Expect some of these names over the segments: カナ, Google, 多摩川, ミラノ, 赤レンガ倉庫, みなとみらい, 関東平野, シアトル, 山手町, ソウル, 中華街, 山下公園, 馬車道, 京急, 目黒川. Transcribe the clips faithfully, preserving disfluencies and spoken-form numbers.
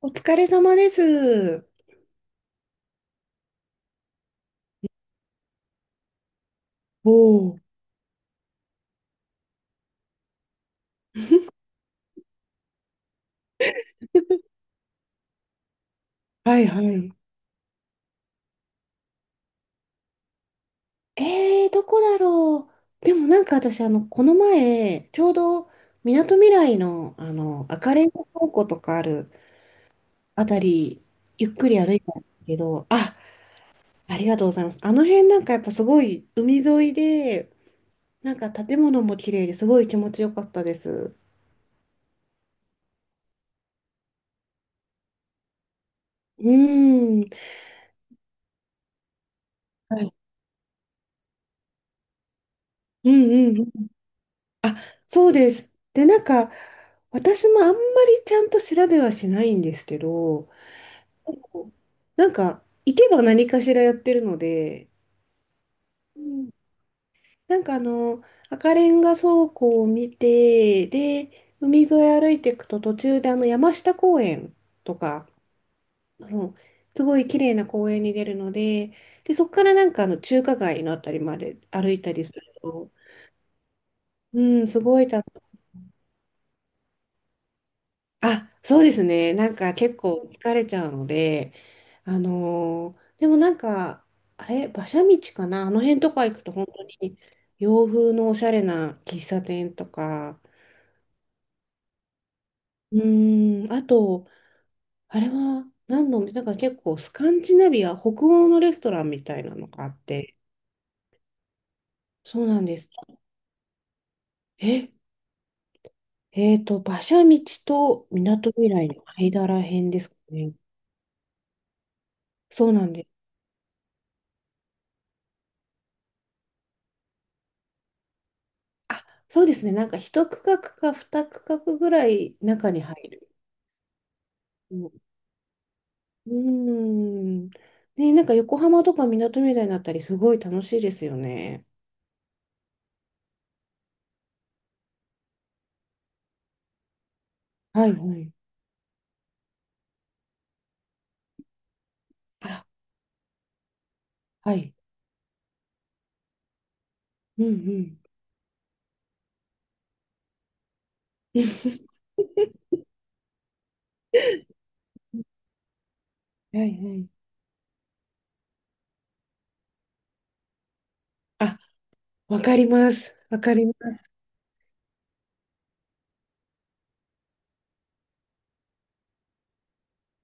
お疲れ様です。おお。はいはい。えー、どこだろう。でもなんか私、あの、この前、ちょうど、みなとみらいの、あの、赤レンガ倉庫とかあるあたり、ゆっくり歩いたんですけど、あ、ありがとうございます。あの辺なんかやっぱすごい海沿いで、なんか建物も綺麗ですごい気持ちよかったです。うーん。はい。うんうん。あ、そうです。で、なんか、私もあんまりちゃんと調べはしないんですけど、なんか、行けば何かしらやってるので、うん。なんかあの、赤レンガ倉庫を見て、で、海沿い歩いていくと途中であの山下公園とか、あのすごい綺麗な公園に出るので、で、そこからなんかあの中華街のあたりまで歩いたりすると、うん、すごい楽あ、そうですね。なんか結構疲れちゃうので、あのーでもなんか、あれ、馬車道かなあの辺とか行くと本当に洋風のおしゃれな喫茶店とか、うーん、あと、あれは何の、なんか結構スカンジナビア、北欧のレストランみたいなのがあって、そうなんです。え、えーと、馬車道と港未来の間ら辺ですかね。そうなんです。あ、そうですね。なんか一区画か二区画ぐらい中に入る。うん。うーんね、なんか横浜とか港みたいになったり、すごい楽しいですよね。はいはい。あ、はい。うんうん。はいはい。あ、わかります。わかります。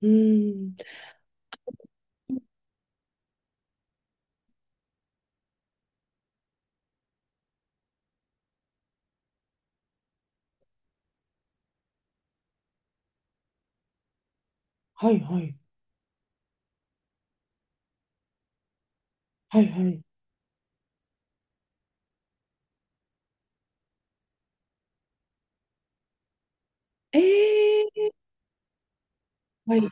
うーん。はいはい。はいはい。えー、はい。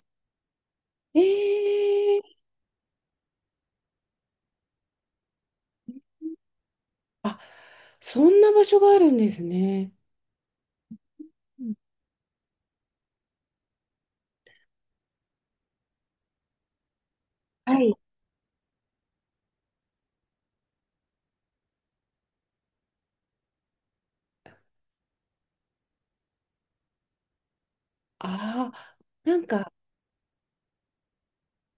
えー。あ、そんな場所があるんですね。うん。はい。ああ、なんか、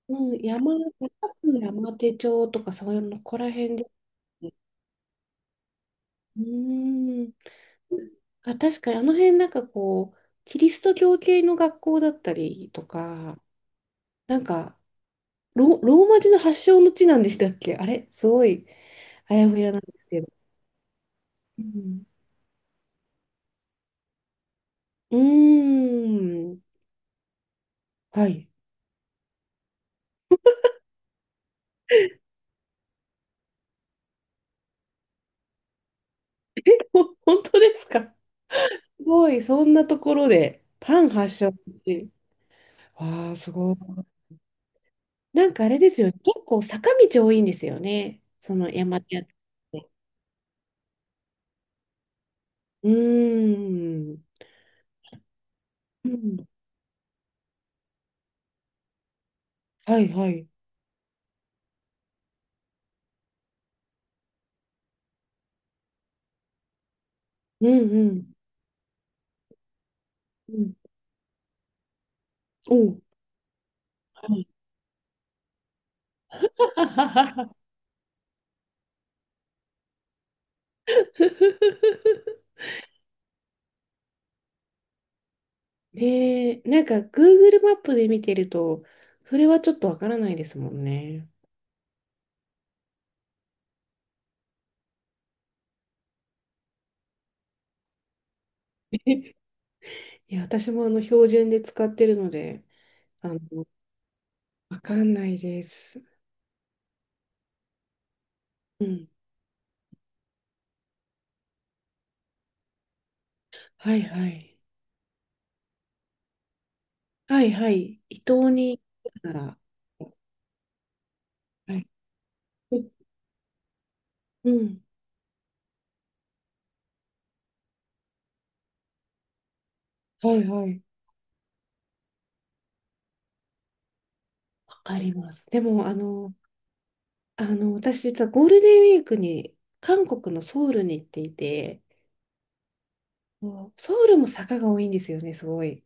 うん、山、高く山手町とか、そういうの、ここら辺ですね。うーん。あ、確かに、あの辺、なんかこう、キリスト教系の学校だったりとか、なんか、ロ、ローマ字の発祥の地なんでしたっけ、あれすごい、あやふやなんですけど。うん。うーん。はい。ほ本当ですか？すごい、そんなところで、パン発祥の地。わあ、すごい。なんかあれですよね、結構坂道多いんですよね、その山手やって。うーん。うん。はいはい。うんうん。うん。おう。はい。 ねえ、なんか グーグルマップで見てると、それはちょっとわからないですもんね。いや、私もあの標準で使ってるので、あの、わかんないです。うん。はいはい。はいはい。伊東に行くなら。はい。うん。はいはい。わかります。でも、あの、あの、私実はゴールデンウィークに韓国のソウルに行っていて、そう、ソウルも坂が多いんですよね、すごい。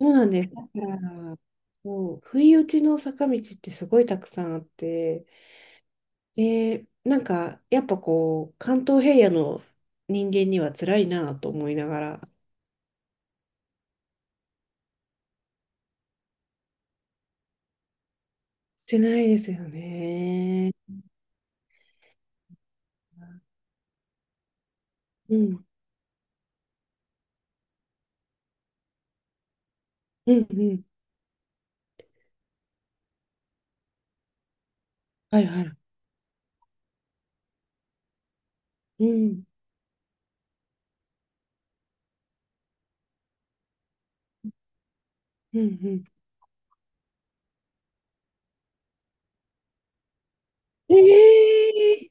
そうなんです。だからもう、不意打ちの坂道ってすごいたくさんあって、で、なんか、やっぱこう、関東平野の人間には辛いなと思いながら、してないですよね。うん、うん、うん。はいはい。うん、うん、うん。ええ、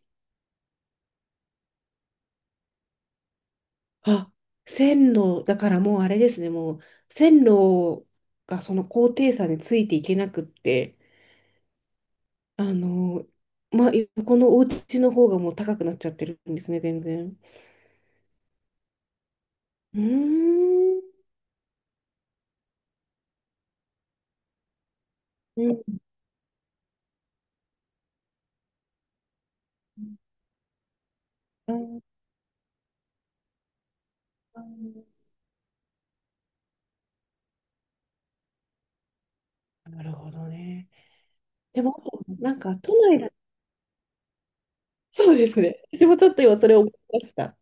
あ、線路、だからもうあれですね、もう線路がその高低差についていけなくって、あの、まあ、横のお家の方がもう高くなっちゃってるんですね、全然。うーん。うん。あー、なるほどね。でも、あとなんか都内だ、そうですね。私もちょっと今それを思いました。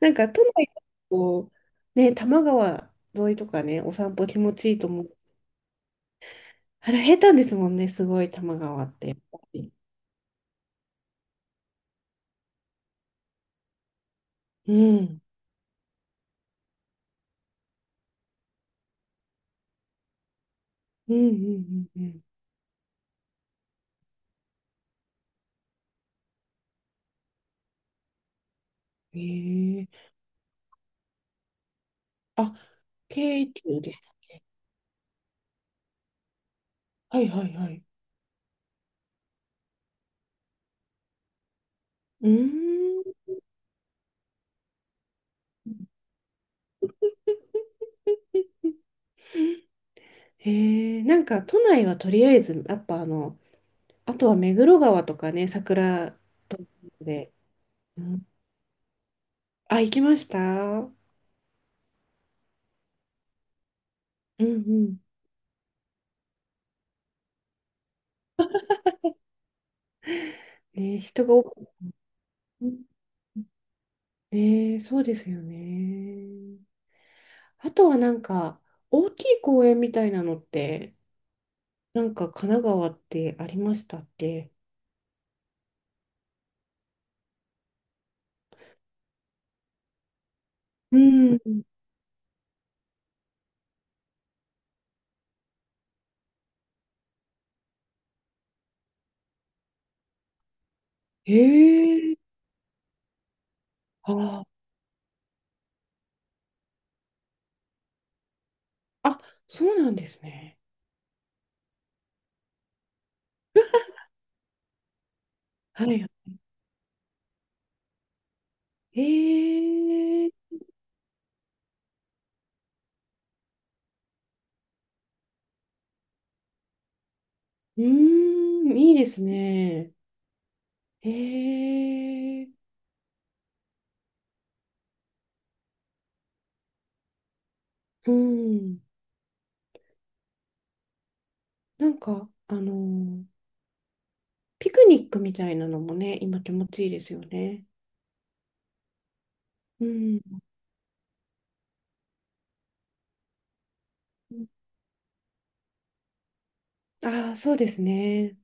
なんか都内だと、ね、多摩川沿いとかね、お散歩気持ちいいと思う。あれ、下手ですもんね、すごい、多摩川って、やっぱり。うん。うんうんうんうん。へえ。あ、京急でしたっけ？はいはいはい。うーん。へえ。なんか、都内はとりあえず、やっぱあの、あとは目黒川とかね、桜とで。うん、あ、行きました。うんうん。ね、人が多く、うん。ね、そうですよね。あとはなんか、大きい公園みたいなのって、なんか神奈川ってありましたって。うん。ええ。ああ、あ、そうなんですね。はい。ええ。うーん、いいですね。ええ。うん。なんか、あの、ピクニックみたいなのもね、今気持ちいいですよね。うん。ああ、そうですね。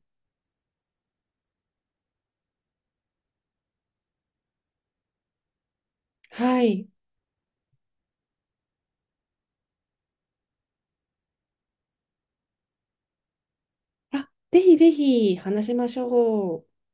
はい。あ、ぜひぜひ話しましょう。